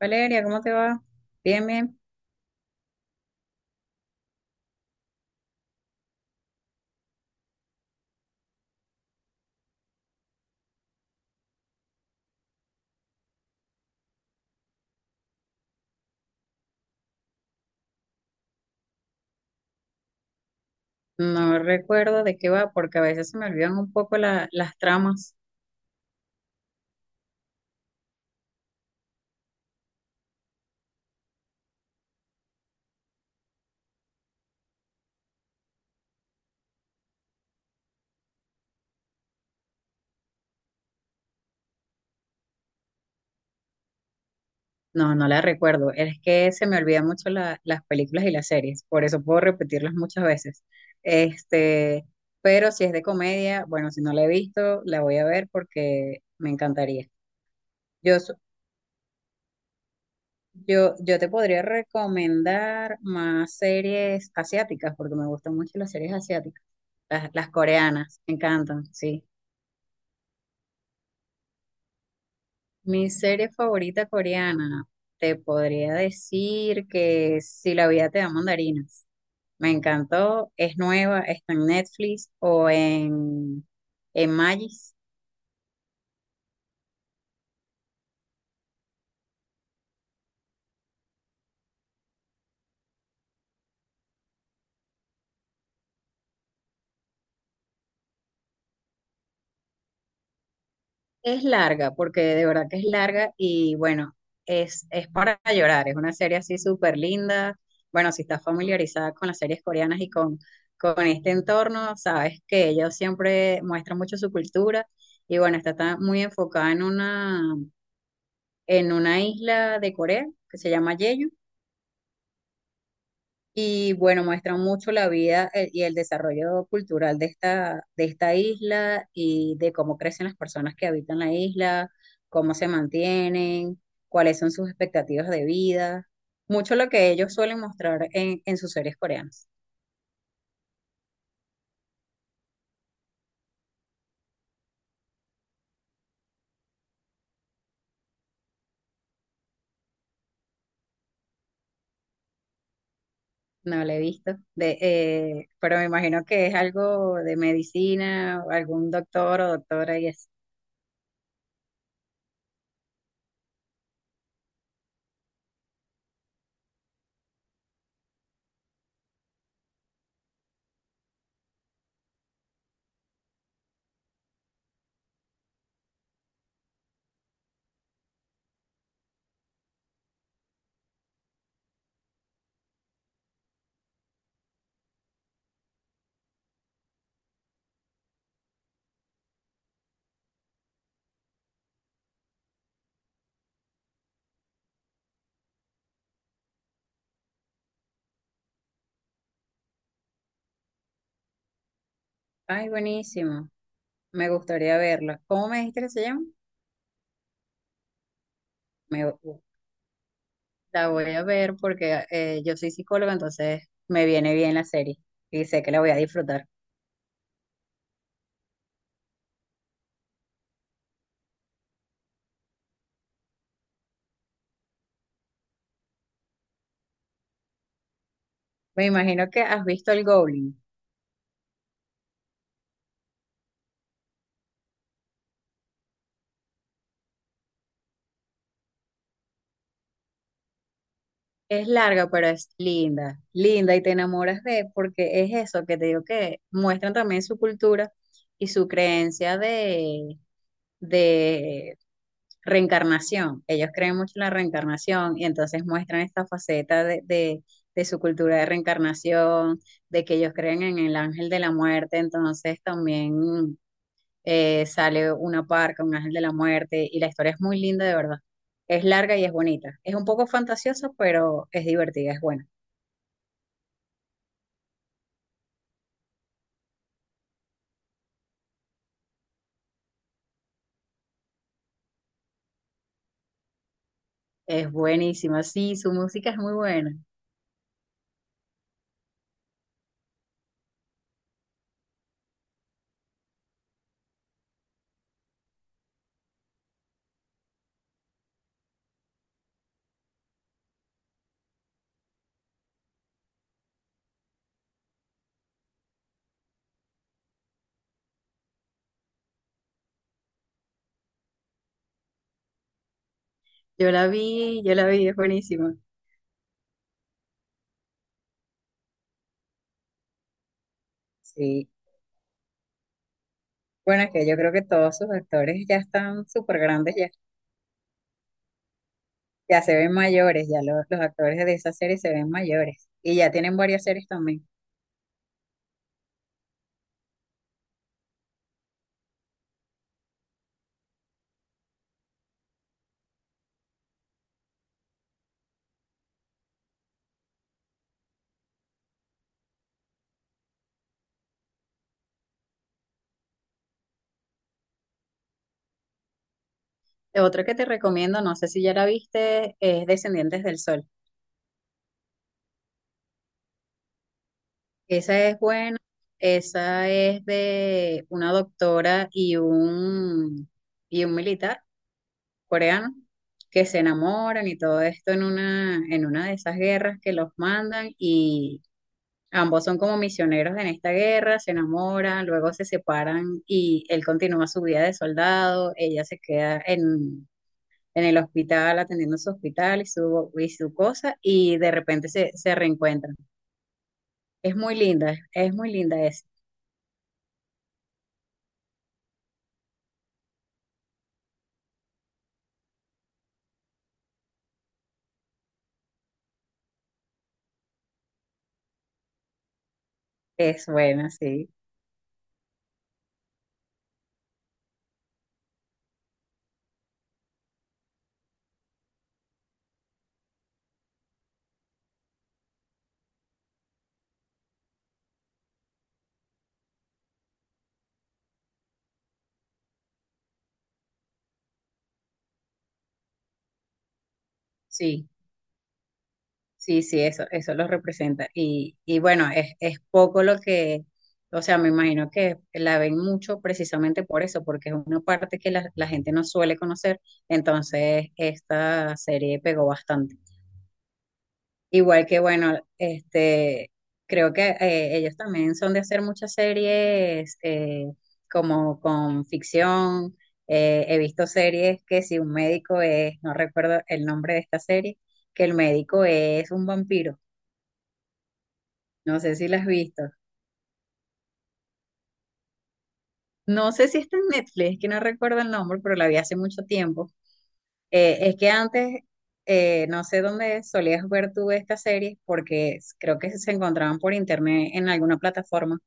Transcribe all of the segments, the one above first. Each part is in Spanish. Valeria, ¿cómo te va? Bien, bien. No recuerdo de qué va porque a veces se me olvidan un poco las tramas. No, no las recuerdo. Es que se me olvidan mucho las películas y las series, por eso puedo repetirlas muchas veces. Este, pero si es de comedia, bueno, si no la he visto, la voy a ver porque me encantaría. Yo, so- yo te podría recomendar más series asiáticas porque me gustan mucho las series asiáticas. Las coreanas, me encantan, sí. Mi serie favorita coreana, te podría decir que Si la vida te da mandarinas. Me encantó, es nueva, está en Netflix en Magis. Es larga, porque de verdad que es larga y bueno, es para llorar, es una serie así súper linda. Bueno, si estás familiarizada con las series coreanas con este entorno, sabes que ellos siempre muestran mucho su cultura y bueno, está, tan muy enfocada en una isla de Corea que se llama Jeju. Y bueno, muestran mucho la vida y el desarrollo cultural de de esta isla y de cómo crecen las personas que habitan la isla, cómo se mantienen, cuáles son sus expectativas de vida. Mucho lo que ellos suelen mostrar en sus series coreanas. No la he visto, pero me imagino que es algo de medicina, o algún doctor o doctora y es. Ay, buenísimo. Me gustaría verlo. ¿Cómo me dijiste que se llama? Me, la voy a ver porque yo soy psicóloga, entonces me viene bien la serie y sé que la voy a disfrutar. Me imagino que has visto el Goblin. Es larga, pero es linda, linda y te enamoras de, porque es eso que te digo que muestran también su cultura y su creencia de reencarnación. Ellos creen mucho en la reencarnación y entonces muestran esta faceta de su cultura de reencarnación, de que ellos creen en el ángel de la muerte, entonces también sale una parca, un ángel de la muerte y la historia es muy linda de verdad. Es larga y es bonita. Es un poco fantasiosa, pero es divertida, es buena. Es buenísima, sí, su música es muy buena. Yo la vi, es buenísima. Sí, bueno, es que yo creo que todos sus actores ya están súper grandes, ya, ya se ven mayores, ya los actores de esa serie se ven mayores y ya tienen varias series también. Otra que te recomiendo, no sé si ya la viste, es Descendientes del Sol. Esa es buena, esa es de una doctora y y un militar coreano que se enamoran y todo esto en una de esas guerras que los mandan. Ambos son como misioneros en esta guerra, se enamoran, luego se separan y él continúa su vida de soldado, ella se queda en el hospital atendiendo su hospital y su cosa y de repente se reencuentran. Es muy linda, es muy linda, es buena, sí, sí. Sí, sí, eso lo representa. Y bueno, es poco lo que, o sea, me imagino que la ven mucho precisamente por eso, porque es una parte que la gente no suele conocer, entonces esta serie pegó bastante. Igual que, bueno, creo que ellos también son de hacer muchas series como con ficción. He visto series que si un médico es, no recuerdo el nombre de esta serie, que el médico es un vampiro. No sé si la has visto. No sé si está en Netflix, que no recuerdo el nombre, pero la vi hace mucho tiempo. Es que antes, no sé dónde solías ver tú esta serie, porque creo que se encontraban por internet en alguna plataforma.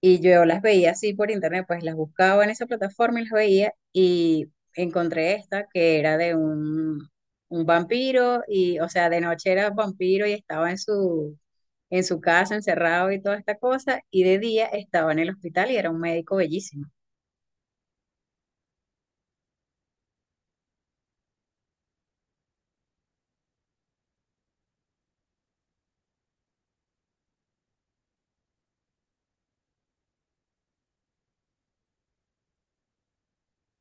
Y yo las veía así por internet, pues las buscaba en esa plataforma y las veía y encontré esta que era de un vampiro y, o sea, de noche era vampiro y estaba en su casa encerrado y toda esta cosa y de día estaba en el hospital y era un médico bellísimo.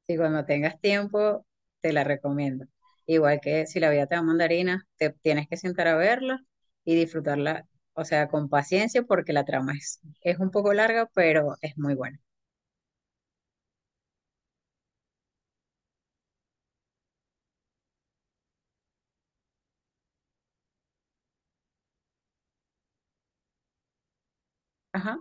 Y cuando tengas tiempo, te la recomiendo. Igual que si la vida te da mandarina, te tienes que sentar a verla y disfrutarla, o sea, con paciencia porque la trama es un poco larga, pero es muy buena. Ajá.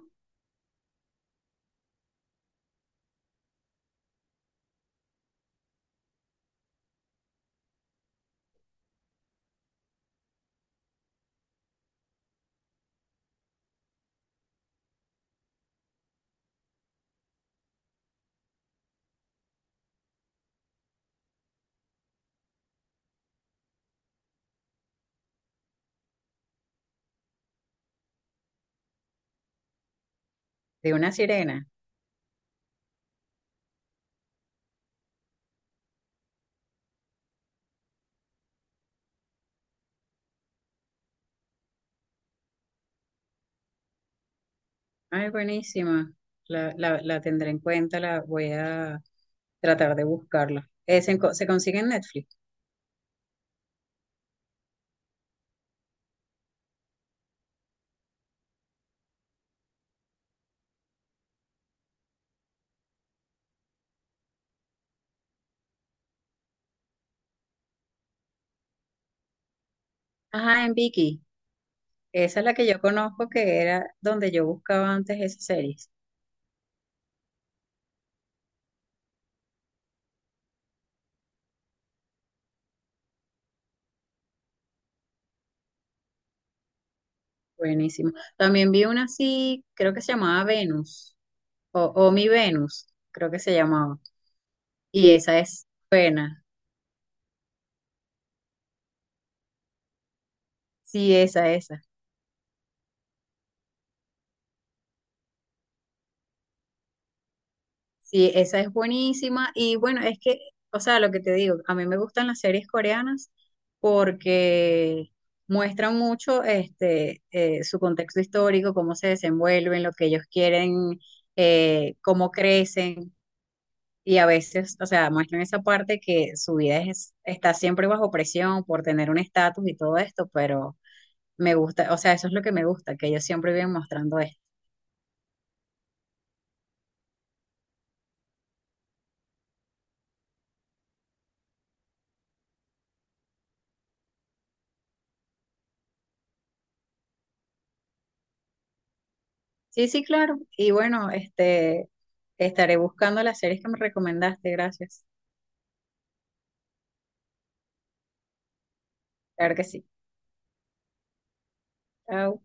De una sirena. Ay, buenísima. La tendré en cuenta, la voy a tratar de buscarla. Se consigue en Netflix. Ajá, en Viki. Esa es la que yo conozco, que era donde yo buscaba antes esas series. Buenísimo. También vi una así, creo que se llamaba Venus, o Mi Venus, creo que se llamaba. Y esa es buena. Sí, esa, esa. Sí, esa es buenísima. Y bueno, es que, o sea, lo que te digo, a mí me gustan las series coreanas porque muestran mucho su contexto histórico, cómo se desenvuelven, lo que ellos quieren, cómo crecen. Y a veces, o sea, muestran esa parte que su vida está siempre bajo presión por tener un estatus y todo esto, pero me gusta, o sea, eso es lo que me gusta, que ellos siempre viven mostrando esto. Sí, sí, claro. Y bueno, estaré buscando las series que me recomendaste. Gracias. Claro que sí. Chao.